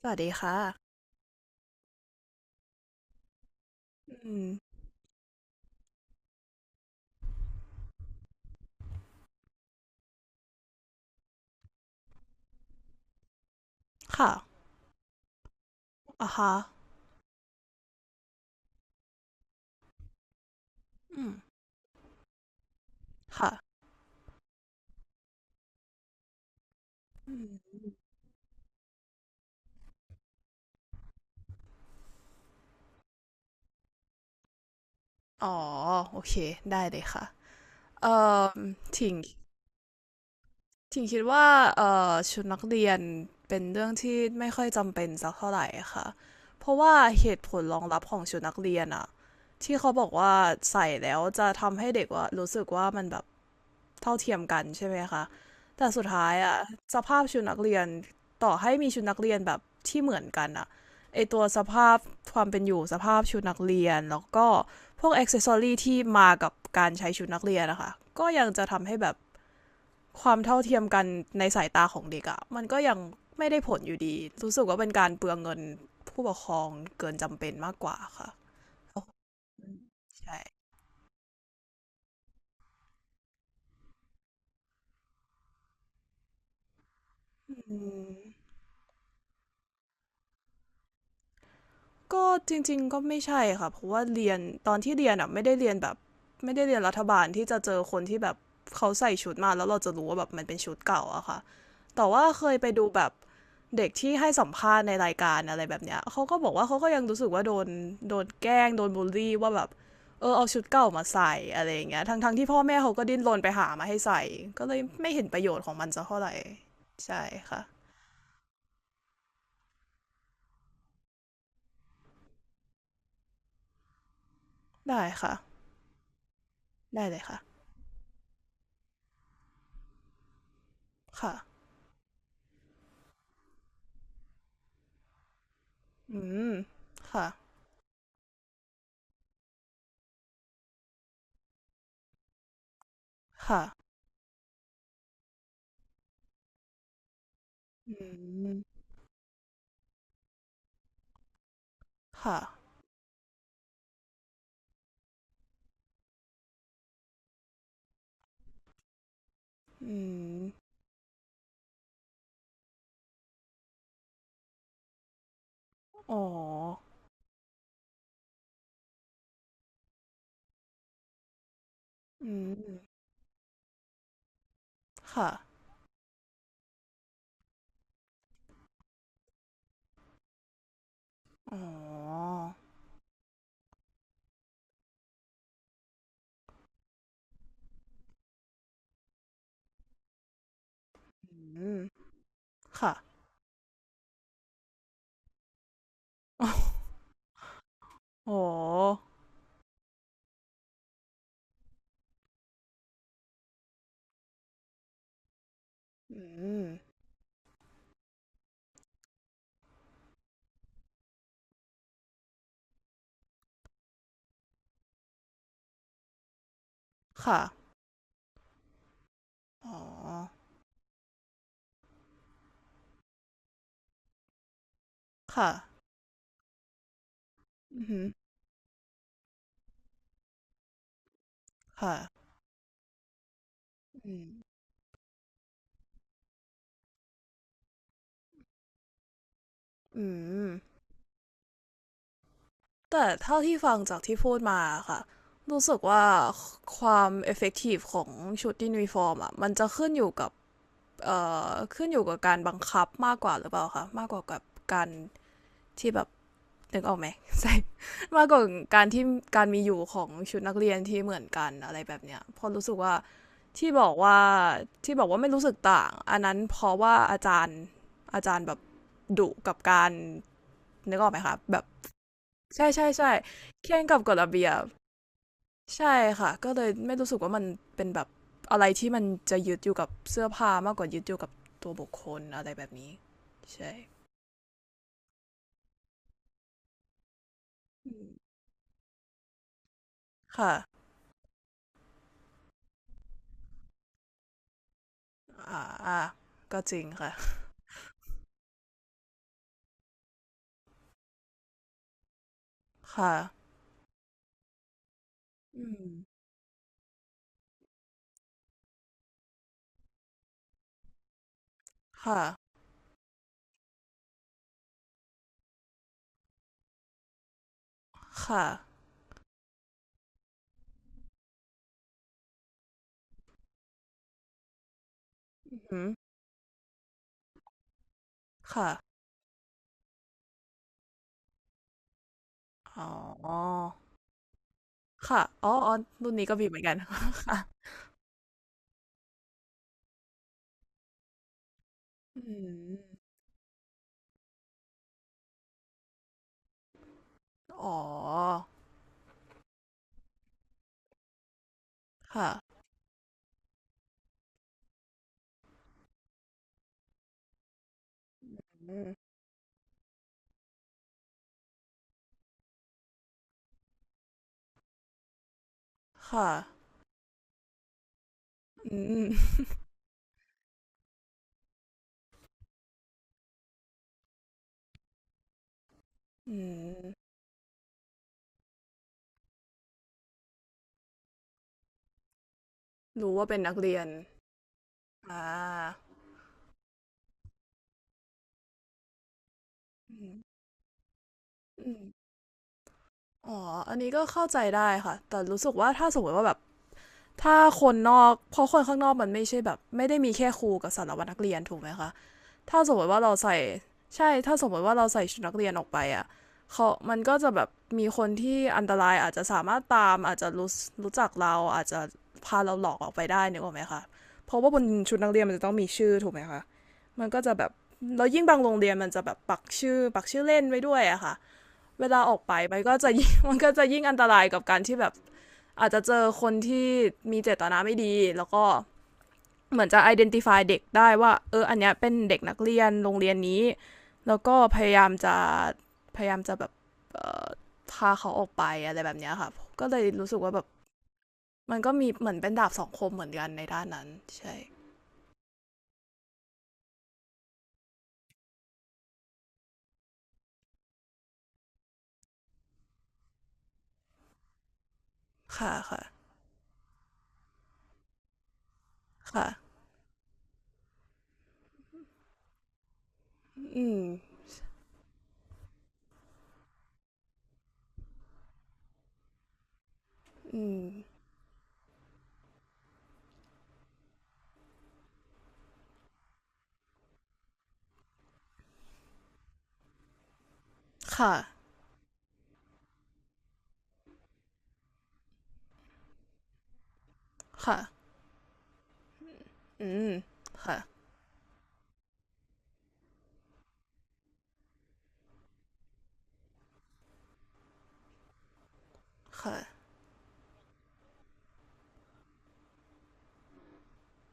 สวัสดีค่ะอืม ค่ะอ่าฮะอืมค่ะอ๋อโอเค ได้เลยค่ะ เอ่อถิงคิดว่าชุดนักเรียน เป็นเรื่องที่ไม่ค่อยจำเป็นสักเท่าไหร่ค่ะ เพราะว่าเหตุผลรองรับของชุดนักเรียนอะที่เขาบอกว่าใส่แล้วจะทำให้เด็กว่ารู้สึกว่ามันแบบ เท่าเทียมกันใช่ไหมคะแต่สุดท้ายอะสภาพชุดนักเรียนต่อให้มีชุดนักเรียนแบบที่เหมือนกันอะไอตัวสภาพความเป็นอยู่สภาพชุดนักเรียนแล้วก็พวกอ็อกเซสซอรีที่มากับการใช้ชุดนักเรียนนะคะก็ยังจะทำให้แบบความเท่าเทียมกันในสายตาของเด็กอะมันก็ยังไม่ได้ผลอยู่ดีรู้สึกว่าเป็นการเปลืองเงินผู้ปกครองเกินจำเป็นมากกว่าค่ะใช่ ก็จริงๆก็ไม่ใช่ค่ะเพราะว่าเรียนตอนที่เรียนอ่ะไม่ได้เรียนแบบไม่ได้เรียนรัฐบาลที่จะเจอคนที่แบบเขาใส่ชุดมาแล้วเราจะรู้ว่าแบบมันเป็นชุดเก่าอะค่ะแต่ว่าเคยไปดูแบบเด็กที่ให้สัมภาษณ์ในรายการอะไรแบบเนี้ยเขาก็บอกว่าเขาก็ยังรู้สึกว่าโดนแกล้งโดนบูลลี่ว่าแบบเออเอาชุดเก่ามาใส่อะไรอย่างเงี้ยทั้งๆที่พ่อแม่เขาก็ดิ้นรนไปหามาให้ใส่ก็เลยไม่เห็นประโยชน์ของมันสักเท่าไหร่ใช่ค่ะได้ค่ะได้เลยค่ะค่ะอืมค่ะ ค่ะอืมค่ะอืมอ๋ออืมค่ะอ๋ออืมค่ะ อ๋ออืมค่ะอ๋อค่ะอืมค่ะอืมอืมแต่เท่าที่ฟังจากที่พูดมาค่ะรู้สึกว่าความ effective ของชุดยูนิฟอร์มอ่ะมันจะขึ้นอยู่กับเอ่ขึ้นอยู่กับการบังคับมากกว่าหรือเปล่าคะมากกว่ากับการที่แบบ นึกออกไหม ใส่มากกว่าการที่การมีอยู่ของชุดนักเรียนที่เหมือนกันอะไรแบบเนี้ยเพอรู้สึกว่าที่บอกว่าไม่รู้สึกต่างอันนั้นเพราะว่าอาจารย์แบบดุกับการนึกออกไหมคะแบบใช่ใช่ใช่เคร่งกับกฎระเบียบใช่ค่ะก็เลยไม่รู้สึกว่ามันเป็นแบบอะไรที่มันจะยึดอยู่กับเสื้อผ้ามากกว่ายึดอยู่กับตัวบุคคลอะไรแบบนี้ใช่ค่ะอ่าอ่าก็จริงค่ะค่ะ อืมค่ะ ค่ะ อือหือค่ะอ๋อค่ะ อ๋ออ๋อรุ่นนี้ก็มีเหมือนกัน ค่ะอืมอ๋อ ค่ะอืมค่ะอืมอืม รู้ว่าเป็นนักเรียนอ่าอืมอืมอ๋อ อันนี้ก็เข้าใจได้ค่ะ แต่รู้สึกว่าถ้าสมมติว่าแบบถ้าคนนอกเพราะคนข้างนอกมันไม่ใช่แบบไม่ได้มีแค่ครูกับสารวัตรนักเรียนถูกไหมคะ ถ้าสมมติว่าเราใส่ใช่ถ้าสมมติว่าเราใส่ชุดนักเรียนออกไปอ่ะเขามันก็จะแบบมีคนที่อันตรายอาจจะสามารถตามอาจจะรู้จักเราอาจจะพาเราหลอกออกไปได้นึกออกไหมคะเพราะว่าบนชุดนักเรียนมันจะต้องมีชื่อถูกไหมคะมันก็จะแบบแล้วยิ่งบางโรงเรียนมันจะแบบปักชื่อเล่นไว้ด้วยอะค่ะเวลาออกไปมันก็จะยิ่ง มันก็จะยิ่งอันตรายกับการที่แบบอาจจะเจอคนที่มีเจตนาไม่ดีแล้วก็ เหมือนจะ identify เด็กได้ว่าเอออันเนี้ยเป็นเด็กนักเรียนโรงเรียนนี้แล้วก็พยายามจะแบบพาเขาออกไปอะไรแบบเนี้ยค่ะก็เลยรู้สึกว่าแบบมันก็มีเหมือนเป็นดาบสองคมเหมือนกันในด้านนั้นใช่ค่ะค่ะค่ะอืมอืมค่ะค่ะอืมค่ะค่ะ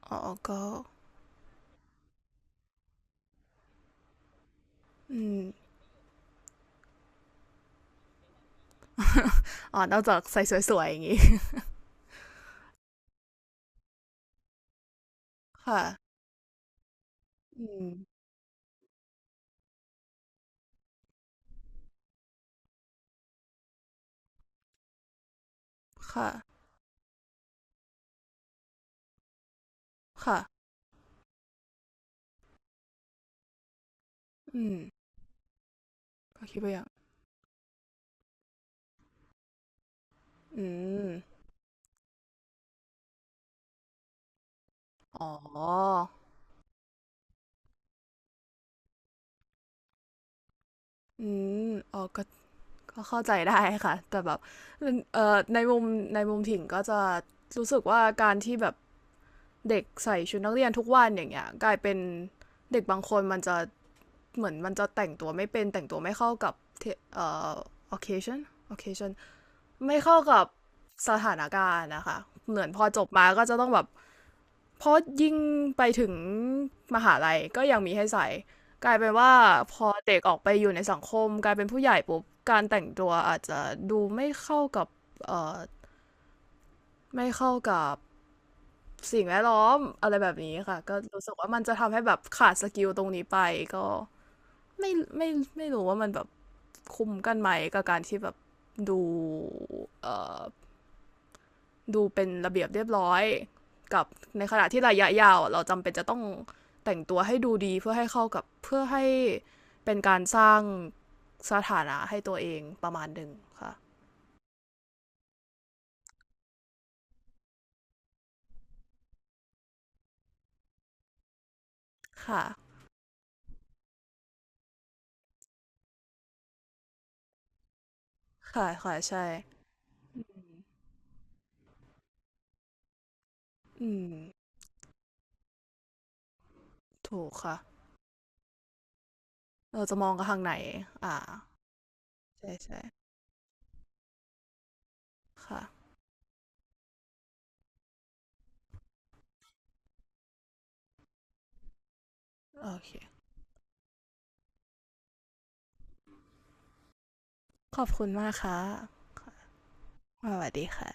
อ๋อก็อืมอ๋อนอกจากใส่สวยๆอย่างงี้ค่ะอืมค่ะค่ะอืมก็คิดไปอย่างอืม อ๋ออืมอ๋อก็ก็เข้าใจได้ค่ะแต่แบบในมุมถิ่งก็จะรู้สึกว่าการที่แบบเด็กใส่ชุดนักเรียนทุกวันอย่างเงี้ยกลายเป็นเด็กบางคนมันจะเหมือนมันจะแต่งตัวไม่เป็นแต่งตัวไม่เข้ากับเทเอ่อ occasion occasion ไม่เข้ากับสถานการณ์นะคะเหมือนพอจบมาก็จะต้องแบบ เพราะยิ่งไปถึงมหาลัยก็ยังมีให้ใส่กลายเป็นว่าพอเด็กออกไปอยู่ในสังคมกลายเป็นผู้ใหญ่ปุ๊บการแต่งตัวอาจจะดูไม่เข้ากับเอ่อไม่เข้ากับสิ่งแวดล้อมอะไรแบบนี้ค่ะก็รู้สึกว่ามันจะทำให้แบบขาดสกิลตรงนี้ไปก็ไม่ไม่ไม่รู้ว่ามันแบบคุ้มกันไหมกับการที่แบบดูเอ่อ ดูเป็นระเบียบเรียบร้อยกับในขณะที่ระยะยาวเราจำเป็นจะต้องแต่งตัวให้ดูดีเพื่อให้เข้ากับเพื่อให้เป็นการสร้างสถานะให้ตัวเองประมาณหนึ่งค่ะค่ะค่ะค่ะใช่อืมถูกค่ะเราจะมองกระทางไหนอ่าใช่ใช่ค่ะโอเคขอบคุณมากค่ะสวัสดีค่ะ